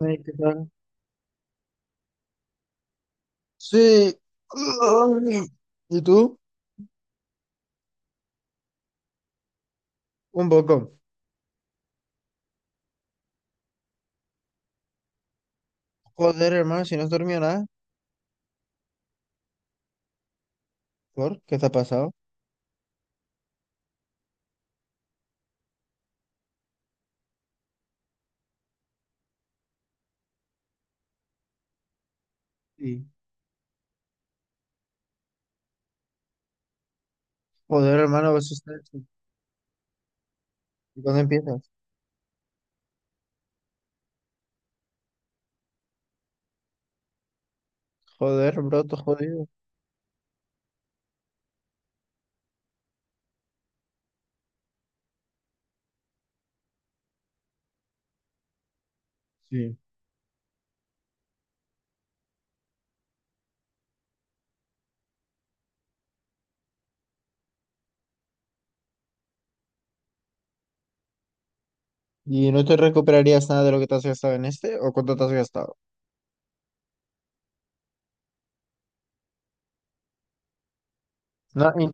Ay, ¿qué tal? Sí. Ay. ¿Y tú? Un poco. Joder, hermano, si no has dormido nada, ¿por qué te ha pasado? Sí. Joder, hermano, vas a estar... ¿Y cuándo empiezas? Joder, bro, todo jodido. Sí. ¿Y no te recuperarías nada de lo que te has gastado en este? ¿O cuánto te has gastado? No, y-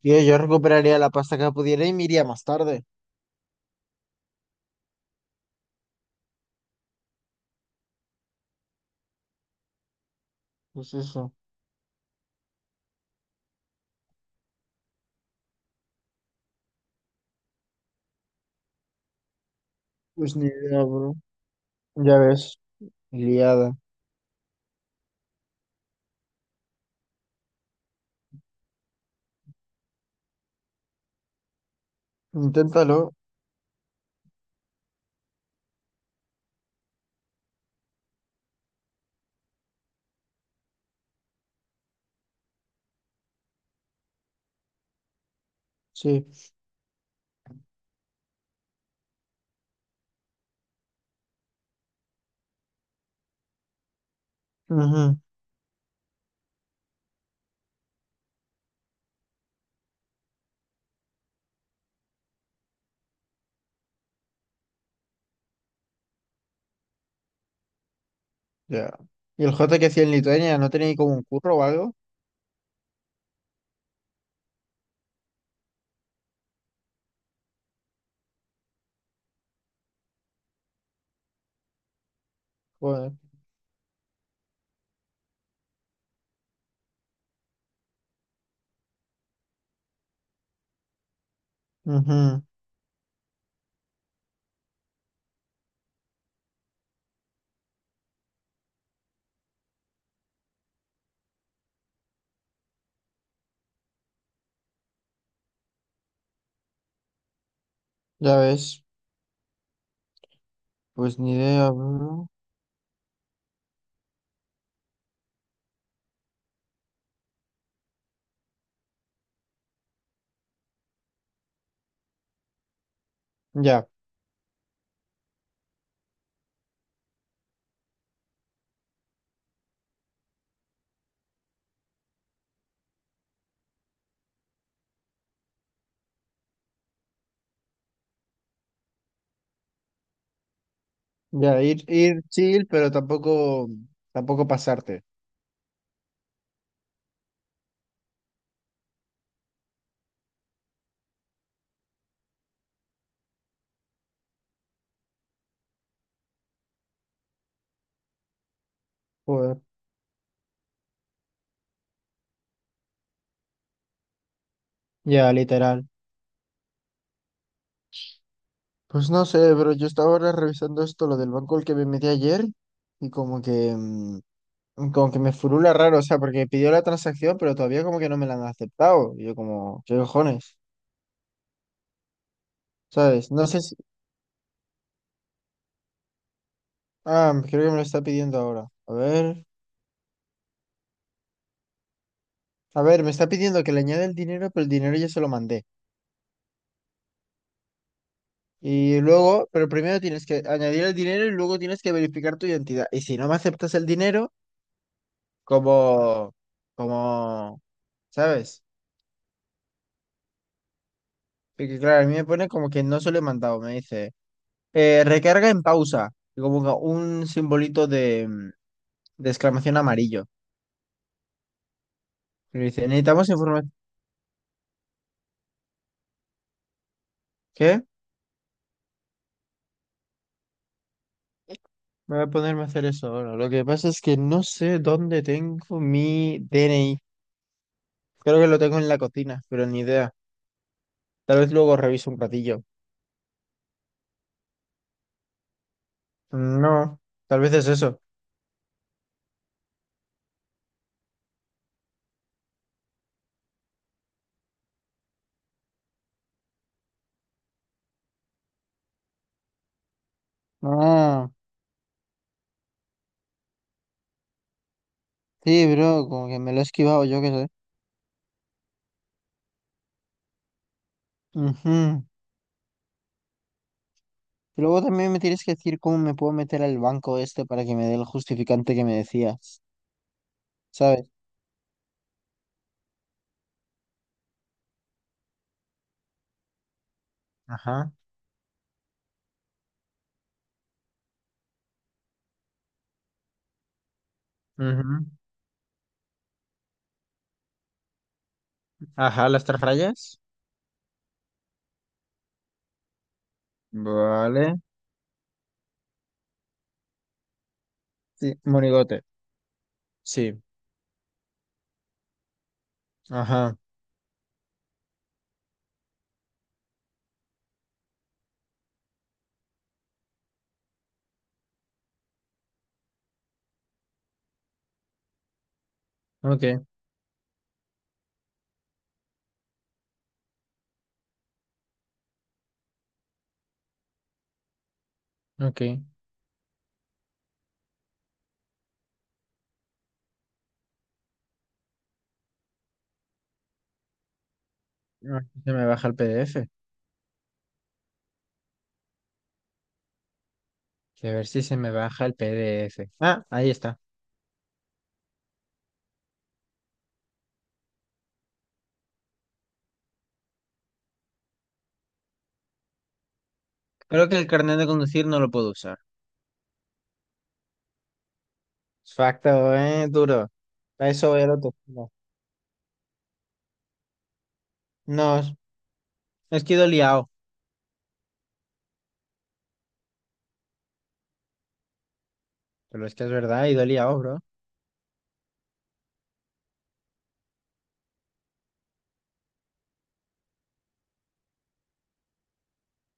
Tío, yo recuperaría la pasta que pudiera y me iría más tarde. Pues eso. Pues ni idea, bro. Ya ves, liada. Inténtalo. Sí. Ujú. Ya. ¿Y el J que hacía en Lituania? ¿No tenía ahí como un curro o algo? Joder. Ujú. Ya ves. Pues ni idea, bro. Ya. Ya, ir, ir chill, pero tampoco, tampoco pasarte. Joder. Ya, literal. Pues no sé, pero yo estaba ahora revisando esto, lo del banco al que me metí ayer, y como que, como que me furula raro, o sea, porque pidió la transacción, pero todavía como que no me la han aceptado. Y yo como, ¿qué cojones? ¿Sabes? No sé si... Ah, creo que me lo está pidiendo ahora. A ver. A ver, me está pidiendo que le añade el dinero, pero el dinero ya se lo mandé. Y luego, pero primero tienes que añadir el dinero y luego tienes que verificar tu identidad. Y si no me aceptas el dinero, como, como, ¿sabes? Porque claro, a mí me pone como que no se lo he mandado, me dice, recarga en pausa, y como que un simbolito de, de exclamación amarillo. Y me dice, necesitamos información. ¿Qué? Me voy a ponerme a hacer eso ahora. Lo que pasa es que no sé dónde tengo mi DNI. Creo que lo tengo en la cocina, pero ni idea. Tal vez luego reviso un ratillo. No, tal vez es eso. Ah, sí, bro, como que me lo he esquivado, yo qué sé. Ujú. Y luego también me tienes que decir cómo me puedo meter al banco este para que me dé el justificante que me decías, ¿sabes? Ajá. Ujú. Ajá, las tres rayas. Vale. Sí, monigote. Sí. Ajá. Ok, ok. Ah, se me baja el PDF. A ver si se me baja el PDF. Ah, ahí está. Creo que el carnet de conducir no lo puedo usar. Facto, duro. A eso era tu. No, No, es que he ido liado. Pero es que es verdad, he ido liado, bro.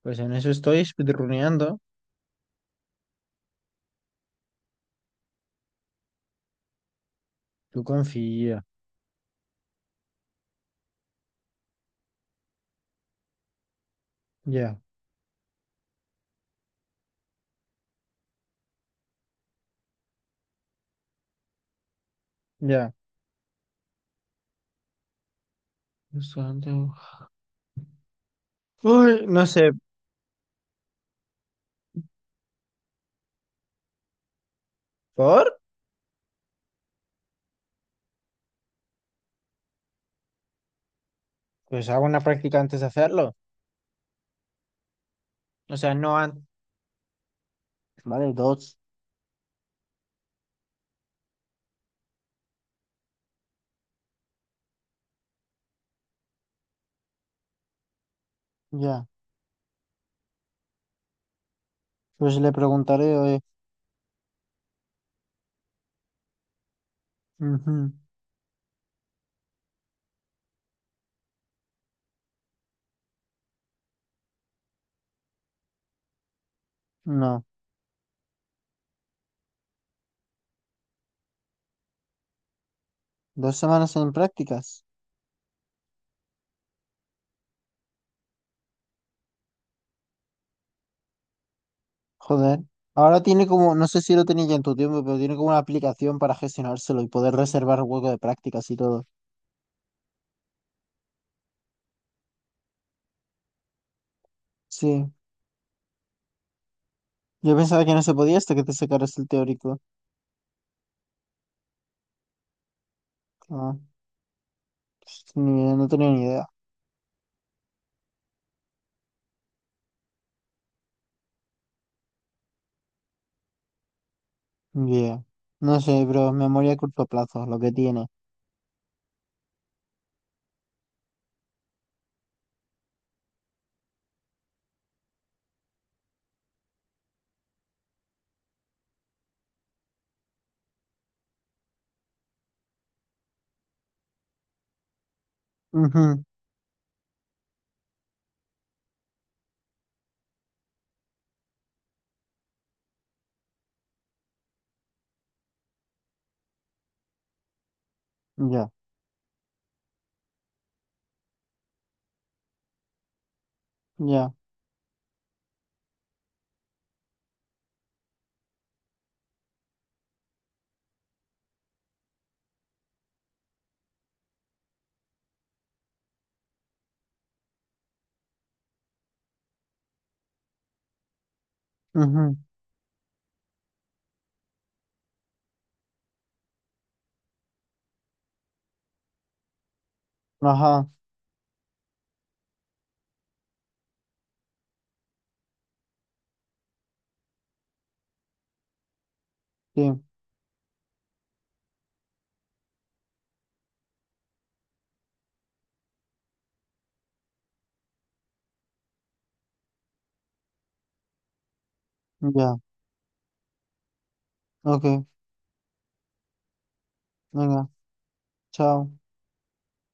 Pues en eso estoy speedruneando. Tú confía. Ya, ya. Bastante. Uy, no sé. ¿Por? Pues hago una práctica antes de hacerlo. O sea, no antes. Vale, dos. Ya. Pues le preguntaré, oye. Ujú. No. Dos semanas en prácticas. Joder. Ahora tiene como, no sé si lo tenía ya en tu tiempo, pero tiene como una aplicación para gestionárselo y poder reservar hueco de prácticas y todo. Sí. Yo pensaba que no se podía hasta que te sacaras el teórico. Ah, pues ni idea, no tenía ni idea. Yeah. No sé, bro. Memoria a corto plazo, lo que tiene. Ujú. Ya, ya. Ujú. Ajá, sí, ya. Ok, venga, chao.